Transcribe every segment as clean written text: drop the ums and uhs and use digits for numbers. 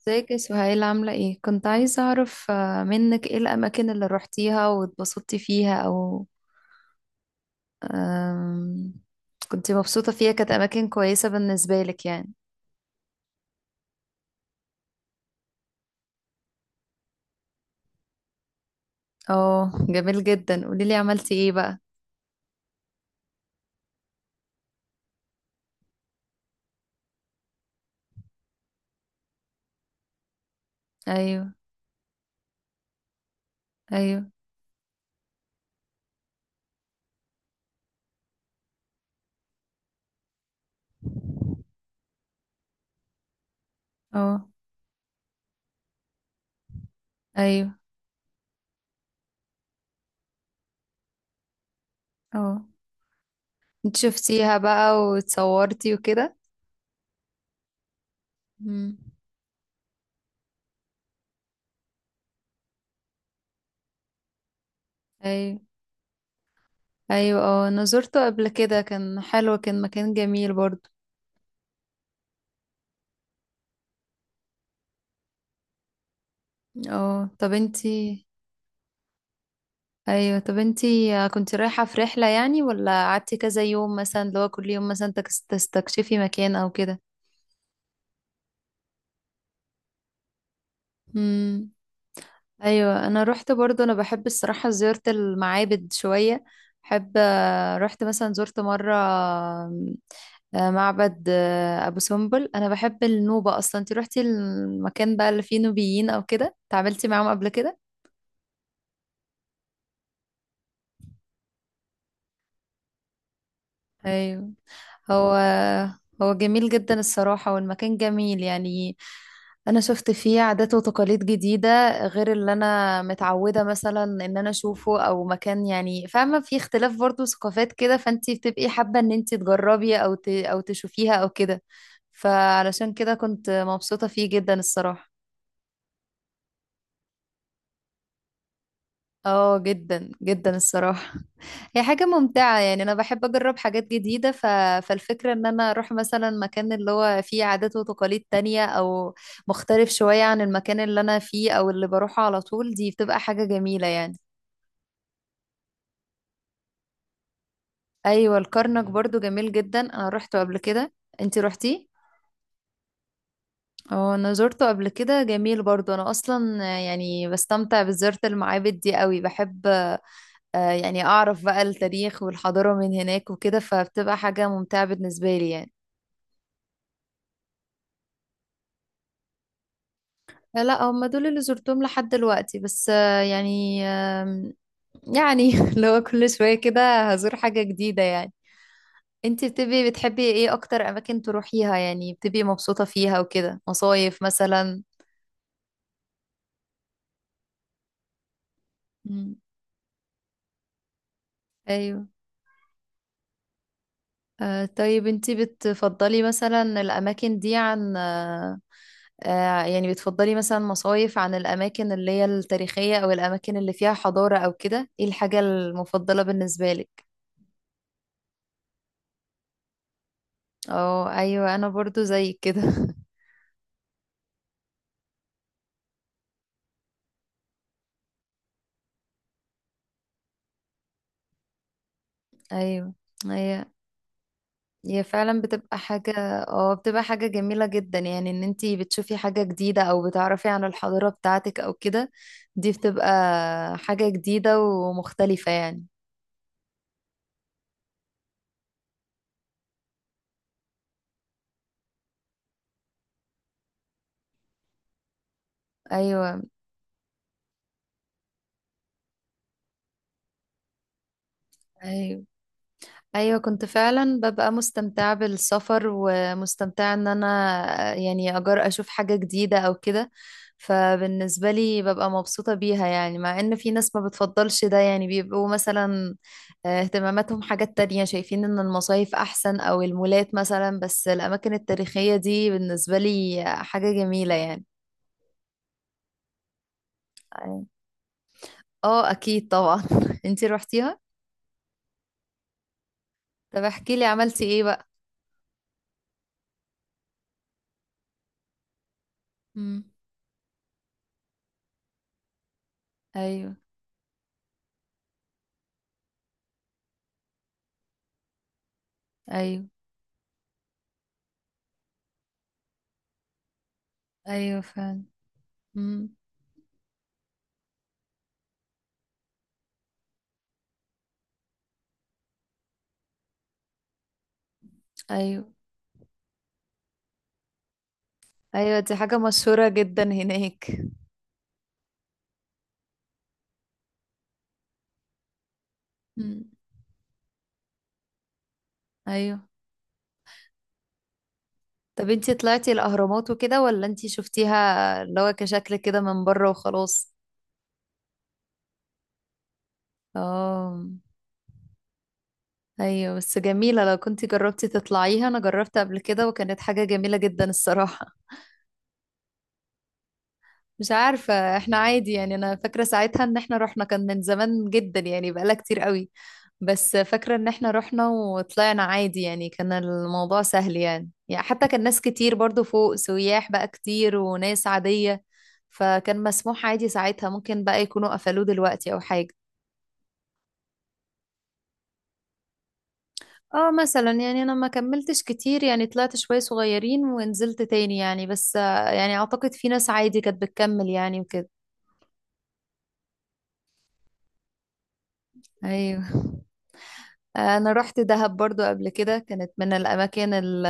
ازيك يا سهيل؟ عاملة ايه؟ كنت عايزة اعرف منك ايه الأماكن اللي روحتيها واتبسطتي فيها، او آم، كنت مبسوطة فيها، كانت أماكن كويسة بالنسبة لك يعني؟ اه، جميل جدا، قوليلي عملتي ايه بقى. ايوه. ايوه. اه. ايوه. اه، انت شفتيها بقى واتصورتي وكده؟ مم. ايوه. ايوه، اه انا زرته قبل كده، كان حلو، كان مكان جميل برضو. اه، طب انتي. ايوه، طب انتي كنت رايحة في رحلة يعني، ولا قعدتي كذا يوم مثلا اللي هو كل يوم مثلا تستكشفي مكان او كده؟ امم. ايوه، انا روحت برضو، انا بحب الصراحة زيارة المعابد شوية، بحب رحت مثلا، زرت مرة معبد ابو سمبل، انا بحب النوبة اصلا. انتي روحتي المكان بقى اللي فيه نوبيين او كده؟ تعاملتي معاهم قبل كده؟ ايوه. هو، هو جميل جدا الصراحة، والمكان جميل يعني. أنا شفت فيه عادات وتقاليد جديدة، غير اللي أنا متعودة مثلا إن أنا أشوفه أو مكان، يعني فاهمة، في اختلاف برضو ثقافات كده، فأنتي بتبقي حابة إن أنتي تجربي أو أو تشوفيها أو كده، فعلشان كده كنت مبسوطة فيه جدا الصراحة. اه، جدا جدا الصراحة، هي حاجة ممتعة، يعني أنا بحب أجرب حاجات جديدة، فالفكرة إن أنا أروح مثلا مكان اللي هو فيه عادات وتقاليد تانية، أو مختلف شوية عن المكان اللي أنا فيه أو اللي بروحه على طول، دي بتبقى حاجة جميلة يعني. أيوة، الكرنك برضو جميل جدا، أنا روحته قبل كده. أنتي روحتيه؟ اه، أنا زرته قبل كده، جميل برضو، أنا أصلا يعني بستمتع بزيارة المعابد دي قوي، بحب يعني أعرف بقى التاريخ والحضارة من هناك وكده، فبتبقى حاجة ممتعة بالنسبة لي يعني. لا، هم دول اللي زرتهم لحد دلوقتي بس، يعني يعني لو كل شوية كده هزور حاجة جديدة يعني. انتي بتبقي بتحبي ايه أكتر أماكن تروحيها، يعني بتبقي مبسوطة فيها وكده؟ مصايف مثلا؟ مم. أيوه. طيب انتي بتفضلي مثلا الأماكن دي عن يعني بتفضلي مثلا مصايف عن الأماكن اللي هي التاريخية أو الأماكن اللي فيها حضارة أو كده؟ ايه الحاجة المفضلة بالنسبة لك؟ اه، أيوة، أنا برضو زي كده أيوة. هي، هي فعلا بتبقى حاجة. اه، بتبقى حاجة جميلة جدا، يعني ان انتي بتشوفي حاجة جديدة أو بتعرفي عن الحضارة بتاعتك أو كده، دي بتبقى حاجة جديدة ومختلفة يعني. أيوة. أيوة. ايوه، كنت فعلا ببقى مستمتعة بالسفر، ومستمتعة ان انا يعني اجر اشوف حاجة جديدة او كده، فبالنسبة لي ببقى مبسوطة بيها، يعني مع ان في ناس ما بتفضلش ده، يعني بيبقوا مثلا اهتماماتهم حاجات تانية، شايفين ان المصايف احسن او المولات مثلا، بس الاماكن التاريخية دي بالنسبة لي حاجة جميلة يعني. اه اكيد طبعا انتي روحتيها؟ طب احكي لي عملتي ايه بقى. امم. ايوه. ايوه. ايوه فعلا. مم. ايوه. ايوه، دي حاجة مشهورة جدا هناك. مم. ايوه. طب انتي طلعتي الاهرامات وكده، ولا انتي شفتيها اللي هو كشكل كده من بره وخلاص؟ اه، ايوه، بس جميلة لو كنتي جربتي تطلعيها، انا جربت قبل كده وكانت حاجة جميلة جدا الصراحة. مش عارفة، احنا عادي يعني، انا فاكرة ساعتها ان احنا رحنا، كان من زمان جدا يعني، بقالها كتير قوي. بس فاكرة ان احنا رحنا وطلعنا عادي يعني، كان الموضوع سهل يعني حتى كان ناس كتير برضو فوق، سياح بقى كتير وناس عادية، فكان مسموح عادي ساعتها، ممكن بقى يكونوا قفلوه دلوقتي او حاجة. اه، مثلا يعني انا ما كملتش كتير يعني، طلعت شوية صغيرين ونزلت تاني يعني، بس يعني اعتقد في ناس عادي كانت بتكمل يعني وكده. ايوه. انا رحت دهب برضو قبل كده، كانت من الاماكن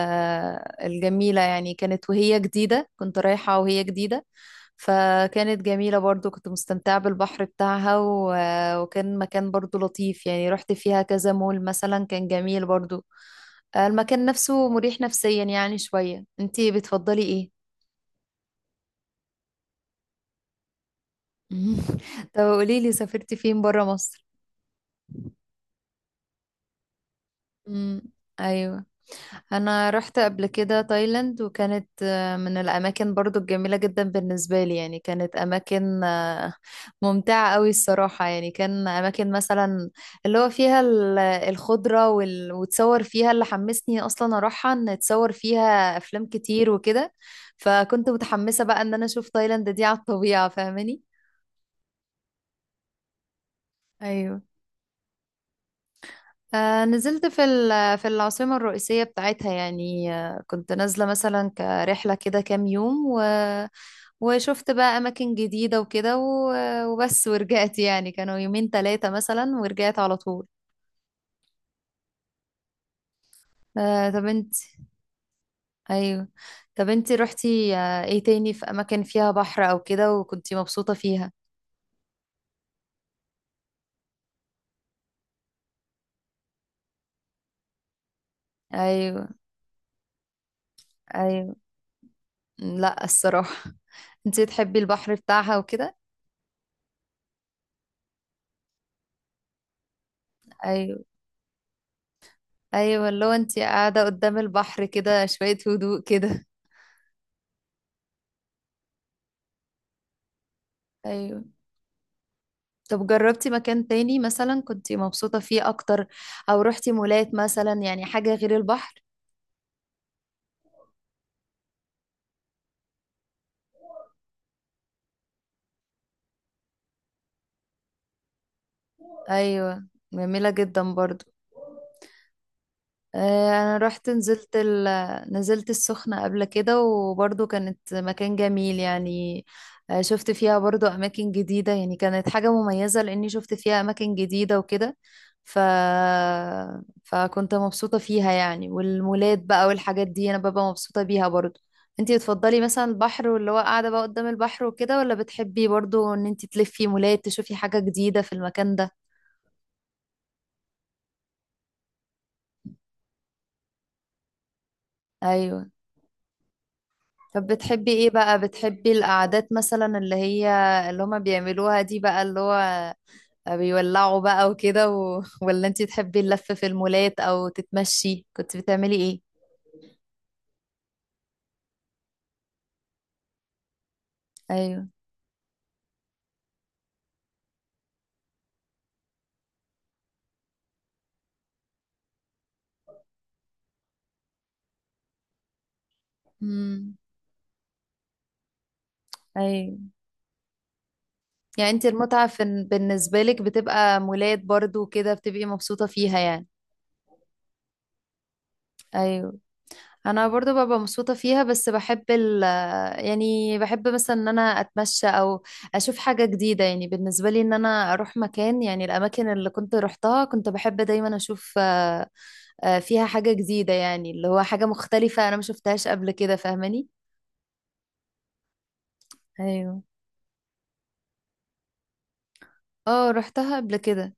الجميله يعني، كانت وهي جديده، كنت رايحه وهي جديده، فكانت جميله برضو، كنت مستمتعه بالبحر بتاعها وكان مكان برضو لطيف يعني، رحت فيها كذا مول مثلا، كان جميل برضو، المكان نفسه مريح نفسيا يعني شويه. انتي بتفضلي ايه؟ طب قوليلي سافرتي فين برا مصر؟ امم. ايوه. انا رحت قبل كده تايلاند، وكانت من الاماكن برضو الجميله جدا بالنسبه لي يعني، كانت اماكن ممتعه قوي الصراحه يعني، كان اماكن مثلا اللي هو فيها الخضره وتصور فيها، اللي حمسني اصلا اروحها ان اتصور فيها افلام كتير وكده، فكنت متحمسه بقى ان انا اشوف تايلاند دي على الطبيعه، فاهماني. ايوه. نزلت في في العاصمة الرئيسية بتاعتها يعني، كنت نازلة مثلا كرحلة كده كام يوم وشفت بقى أماكن جديدة وكده وبس ورجعت يعني، كانوا يومين ثلاثة مثلا ورجعت على طول. طب انت. أيوه، طب انت روحتي ايه تاني في أماكن فيها بحر أو كده، وكنتي مبسوطة فيها؟ أيوه. أيوه. لا الصراحة انت تحبي البحر بتاعها وكده؟ ايوه. ايوه، اللي هو انت قاعده قدام البحر كده شويه هدوء كده. ايوه. طب جربتي مكان تاني مثلا كنتي مبسوطه فيه اكتر، او روحتي مولات مثلا يعني حاجه غير البحر؟ ايوه. جميله جدا برضو. انا رحت نزلت نزلت السخنة قبل كده، وبرضو كانت مكان جميل يعني. شفت فيها برضو اماكن جديدة يعني، كانت حاجة مميزة لاني شفت فيها اماكن جديدة وكده، ف... فكنت مبسوطة فيها يعني. والمولات بقى والحاجات دي انا ببقى مبسوطة بيها برضو. انتي بتفضلي مثلا البحر واللي هو قاعدة بقى قدام البحر وكده، ولا بتحبي برضو ان انتي تلفي مولات تشوفي حاجة جديدة في المكان ده؟ ايوه. طب بتحبي ايه بقى؟ بتحبي القعدات مثلا اللي هي اللي هما بيعملوها دي بقى، اللي هو بيولعوا بقى وكده ولا انتي تحبي اللف في المولات او تتمشي؟ كنت بتعملي ايه؟ ايوه. امم. ايوه، يعني انتي المتعة بالنسبة لك بتبقى مولات برضو وكده، بتبقي مبسوطة فيها يعني؟ ايوه. انا برضو ببقى مبسوطه فيها، بس بحب يعني بحب مثلا ان انا اتمشى او اشوف حاجه جديده يعني، بالنسبه لي ان انا اروح مكان يعني، الاماكن اللي كنت روحتها كنت بحب دايما اشوف فيها حاجه جديده يعني، اللي هو حاجه مختلفه انا ما شفتهاش قبل كده، فاهماني. ايوه. اه روحتها قبل كده.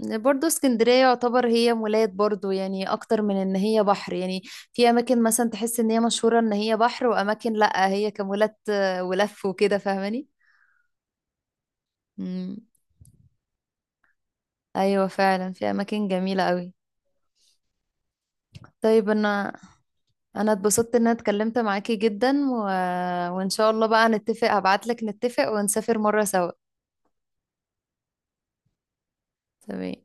برضو اسكندرية يعتبر هي مولات برضو يعني، أكتر من إن هي بحر يعني، في أماكن مثلا تحس إن هي مشهورة إن هي بحر، وأماكن لأ هي كمولات ولف وكده فاهماني. مم. ايوه فعلا، في اماكن جميله قوي. طيب انا، انا اتبسطت ان انا اتكلمت معاكي جدا وان شاء الله بقى نتفق، هبعت لك نتفق ونسافر مره سوا. تمام.